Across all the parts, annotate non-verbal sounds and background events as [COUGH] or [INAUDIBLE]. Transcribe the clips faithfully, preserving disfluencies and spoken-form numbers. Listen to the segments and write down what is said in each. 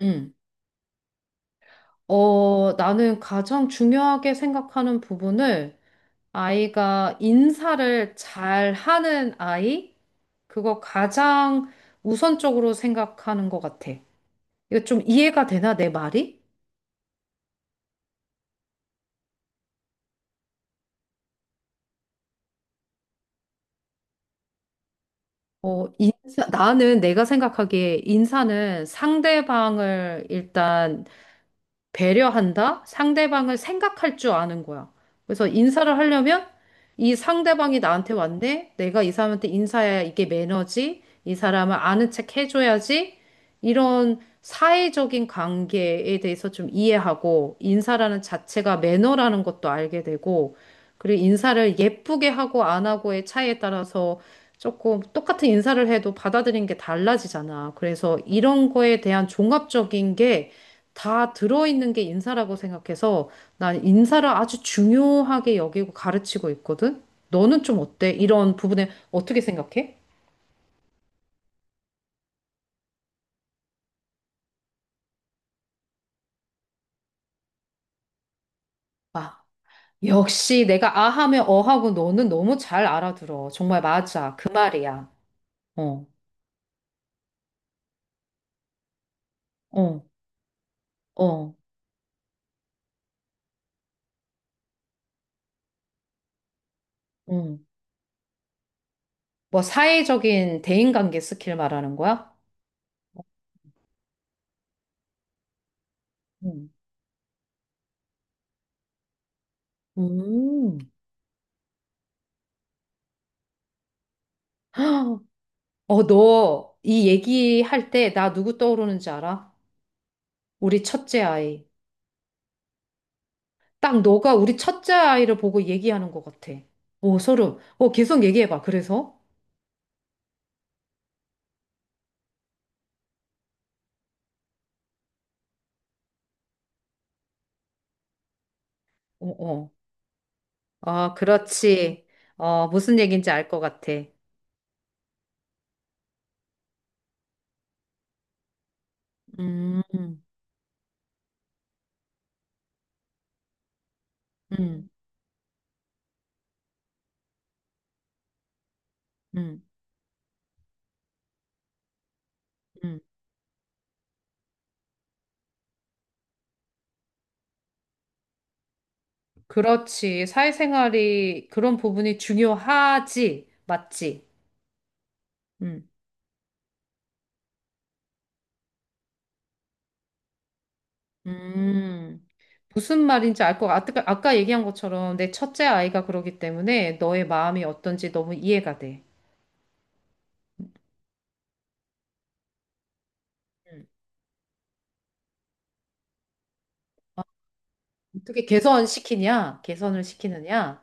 음. 어, 나는 가장 중요하게 생각하는 부분을 아이가 인사를 잘 하는 아이? 그거 가장 우선적으로 생각하는 것 같아. 이거 좀 이해가 되나, 내 말이? 어, 인사, 나는 내가 생각하기에 인사는 상대방을 일단 배려한다? 상대방을 생각할 줄 아는 거야. 그래서 인사를 하려면 이 상대방이 나한테 왔네? 내가 이 사람한테 인사해야 이게 매너지? 이 사람을 아는 척 해줘야지? 이런 사회적인 관계에 대해서 좀 이해하고 인사라는 자체가 매너라는 것도 알게 되고 그리고 인사를 예쁘게 하고 안 하고의 차이에 따라서 조금 똑같은 인사를 해도 받아들이는 게 달라지잖아. 그래서 이런 거에 대한 종합적인 게 다 들어있는 게 인사라고 생각해서 난 인사를 아주 중요하게 여기고 가르치고 있거든? 너는 좀 어때? 이런 부분에 어떻게 생각해? 아, 역시 내가 아 하면 어 하고 너는 너무 잘 알아들어. 정말 맞아. 그 말이야. 어, 어, 어, 응. 뭐 사회적인 대인관계 스킬 말하는 거야? 응. 음. 헉, 어, 너 이 얘기할 때 나 누구 떠오르는지 알아? 우리 첫째 아이. 딱 너가 우리 첫째 아이를 보고 얘기하는 것 같아. 오, 소름. 어, 계속 얘기해봐. 그래서? 어, 어. 아, 그렇지. 어, 무슨 얘기인지 알 것 같아. 음, 음, 음, 음. 음. 그렇지. 사회생활이 그런 부분이 중요하지. 맞지? 음, 음. 무슨 말인지 알 것 같아. 아까 얘기한 것처럼 내 첫째 아이가 그러기 때문에 너의 마음이 어떤지 너무 이해가 돼. 음. 어떻게 개선시키냐? 개선을 시키느냐?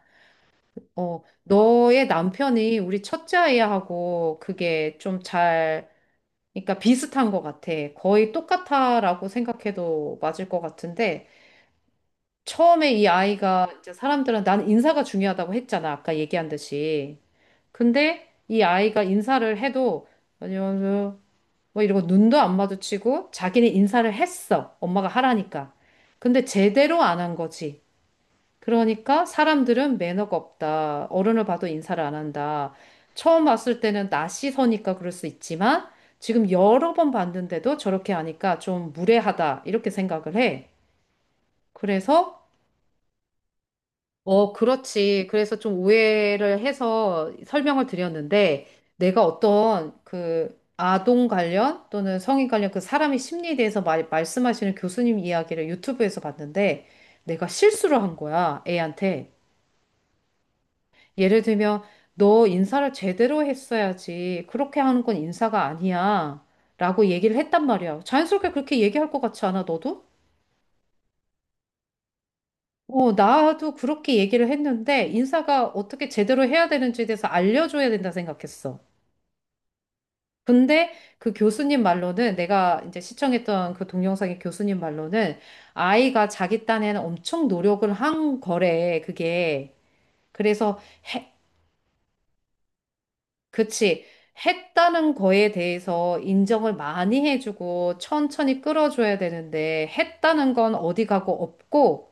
어, 너의 남편이 우리 첫째 아이하고 그게 좀 잘, 그러니까 비슷한 것 같아. 거의 똑같아라고 생각해도 맞을 것 같은데, 처음에 이 아이가 이제 사람들은 난 인사가 중요하다고 했잖아. 아까 얘기한 듯이. 근데 이 아이가 인사를 해도, 안녕하세요. 뭐 이러고 눈도 안 마주치고 자기는 인사를 했어. 엄마가 하라니까. 근데 제대로 안 한 거지. 그러니까 사람들은 매너가 없다. 어른을 봐도 인사를 안 한다. 처음 봤을 때는 낯이 서니까 그럴 수 있지만 지금 여러 번 봤는데도 저렇게 하니까 좀 무례하다. 이렇게 생각을 해. 그래서, 어, 그렇지. 그래서 좀 오해를 해서 설명을 드렸는데 내가 어떤 그 아동 관련 또는 성인 관련 그 사람의 심리에 대해서 말, 말씀하시는 교수님 이야기를 유튜브에서 봤는데 내가 실수를 한 거야. 애한테. 예를 들면, 너 인사를 제대로 했어야지. 그렇게 하는 건 인사가 아니야. 라고 얘기를 했단 말이야. 자연스럽게 그렇게 얘기할 것 같지 않아, 너도? 어, 나도 그렇게 얘기를 했는데, 인사가 어떻게 제대로 해야 되는지에 대해서 알려줘야 된다 생각했어. 근데 그 교수님 말로는, 내가 이제 시청했던 그 동영상의 교수님 말로는, 아이가 자기 딴에는 엄청 노력을 한 거래, 그게. 그래서 해 그치. 했다는 거에 대해서 인정을 많이 해주고 천천히 끌어줘야 되는데 했다는 건 어디 가고 없고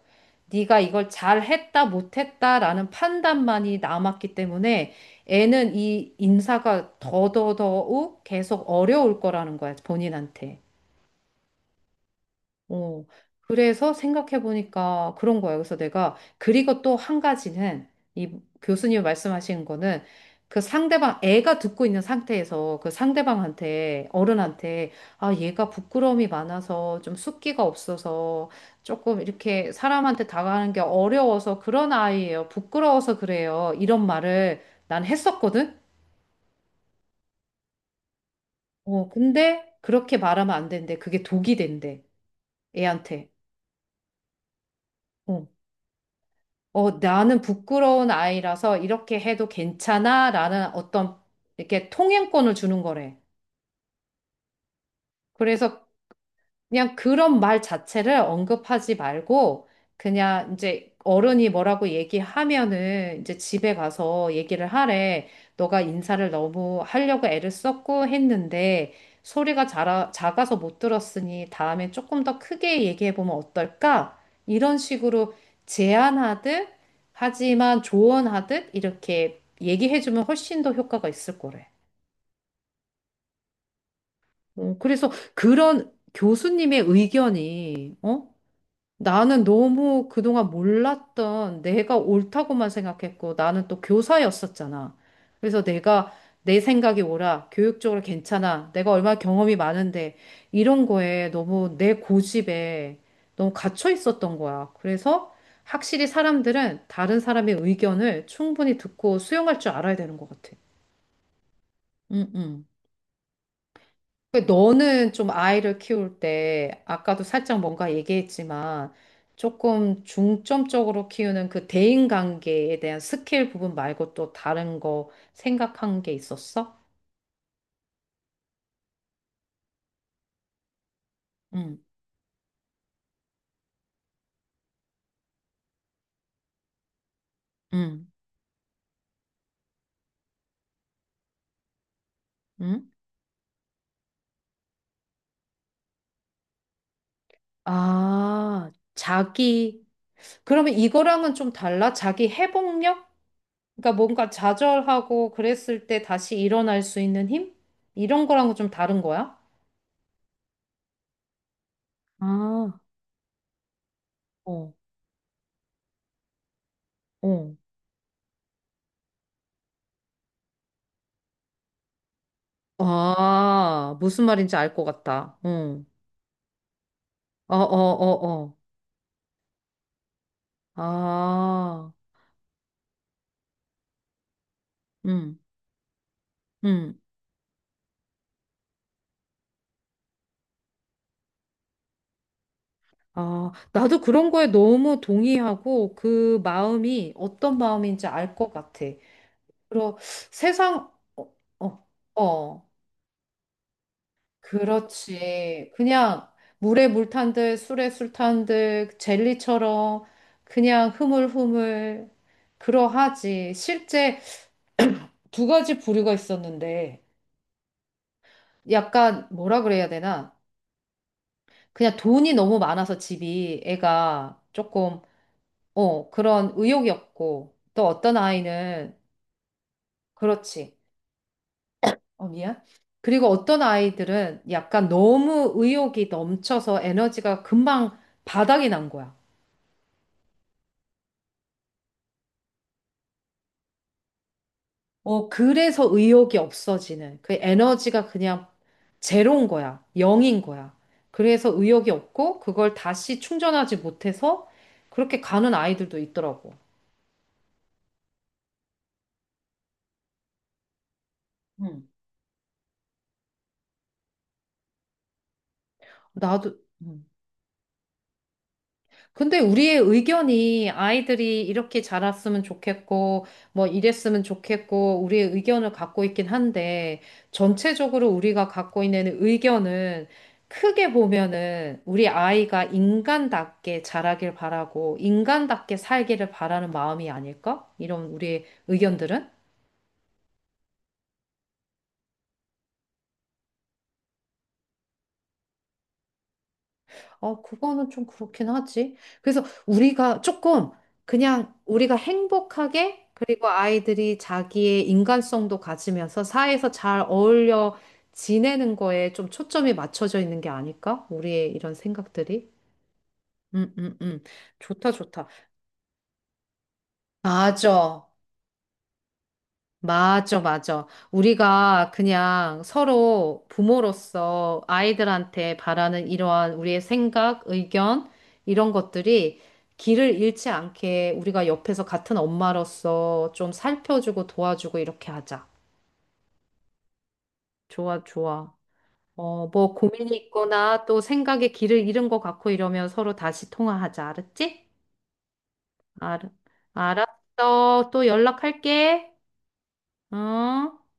네가 이걸 잘했다 못했다라는 판단만이 남았기 때문에 애는 이 인사가 더더더욱 계속 어려울 거라는 거야 본인한테. 어, 그래서 생각해보니까 그런 거예요. 그래서 내가, 그리고 또 한 가지는, 이 교수님 말씀하신 거는, 그 상대방, 애가 듣고 있는 상태에서 그 상대방한테, 어른한테, 아, 얘가 부끄러움이 많아서 좀 숫기가 없어서 조금 이렇게 사람한테 다가가는 게 어려워서 그런 아이예요. 부끄러워서 그래요. 이런 말을 난 했었거든? 어, 근데 그렇게 말하면 안 되는데 그게 독이 된대, 애한테. 어. 어, 나는 부끄러운 아이라서 이렇게 해도 괜찮아? 라는 어떤 이렇게 통행권을 주는 거래. 그래서 그냥 그런 말 자체를 언급하지 말고 그냥 이제 어른이 뭐라고 얘기하면은 이제 집에 가서 얘기를 하래. 너가 인사를 너무 하려고 애를 썼고 했는데 소리가 자라, 작아서 못 들었으니 다음에 조금 더 크게 얘기해 보면 어떨까? 이런 식으로 제안하듯 하지만 조언하듯 이렇게 얘기해 주면 훨씬 더 효과가 있을 거래. 어, 그래서 그런 교수님의 의견이 어? 나는 너무 그동안 몰랐던 내가 옳다고만 생각했고 나는 또 교사였었잖아. 그래서 내가 내 생각이 옳아. 교육적으로 괜찮아. 내가 얼마나 경험이 많은데 이런 거에 너무 내 고집에 너무 갇혀 있었던 거야. 그래서 확실히 사람들은 다른 사람의 의견을 충분히 듣고 수용할 줄 알아야 되는 것 같아. 응, 응. 그 너는 좀 아이를 키울 때, 아까도 살짝 뭔가 얘기했지만, 조금 중점적으로 키우는 그 대인관계에 대한 스킬 부분 말고 또 다른 거 생각한 게 있었어? 응, 응, 응? 아, 자기. 그러면 이거랑은 좀 달라? 자기 회복력? 그러니까 뭔가 좌절하고 그랬을 때 다시 일어날 수 있는 힘? 이런 거랑은 좀 다른 거야? 아, 어, 어. 아, 무슨 말인지 알 것 같다. 응. 어, 어, 어, 어. 아, 음, 음. 아, 나도 그런 거에 너무 동의하고 그 마음이 어떤 마음인지 알 것 같아. 그리고 세상, 어, 어, 어. 그렇지. 그냥 물에 물 탄 듯, 술에 술 탄 듯, 젤리처럼 그냥 흐물흐물 그러하지. 실제 [CLEARS THROAT] 두 가지 부류가 있었는데. 약간 뭐라 그래야 되나? 그냥 돈이 너무 많아서 집이 애가 조금 어 그런 의욕이 없고 또 어떤 아이는 그렇지. 어 미안. 그리고 어떤 아이들은 약간 너무 의욕이 넘쳐서 에너지가 금방 바닥이 난 거야. 어 그래서 의욕이 없어지는 그 에너지가 그냥 제로인 거야. 영인 거야. 그래서 의욕이 없고 그걸 다시 충전하지 못해서 그렇게 가는 아이들도 있더라고. 나도. 음. 근데 우리의 의견이 아이들이 이렇게 자랐으면 좋겠고, 뭐 이랬으면 좋겠고, 우리의 의견을 갖고 있긴 한데, 전체적으로 우리가 갖고 있는 의견은 크게 보면은 우리 아이가 인간답게 자라길 바라고, 인간답게 살기를 바라는 마음이 아닐까? 이런 우리의 의견들은? 아, 그거는 좀 그렇긴 하지. 그래서 우리가 조금 그냥 우리가 행복하게 그리고 아이들이 자기의 인간성도 가지면서 사회에서 잘 어울려 지내는 거에 좀 초점이 맞춰져 있는 게 아닐까? 우리의 이런 생각들이. 음, 음, 음. 좋다, 좋다. 맞아. 맞아, 맞아. 우리가 그냥 서로 부모로서 아이들한테 바라는 이러한 우리의 생각, 의견, 이런 것들이 길을 잃지 않게 우리가 옆에서 같은 엄마로서 좀 살펴주고 도와주고 이렇게 하자. 좋아, 좋아. 어, 뭐 고민이 있거나 또 생각에 길을 잃은 것 같고 이러면 서로 다시 통화하자. 알았지? 알, 알았어. 또 연락할게. 응?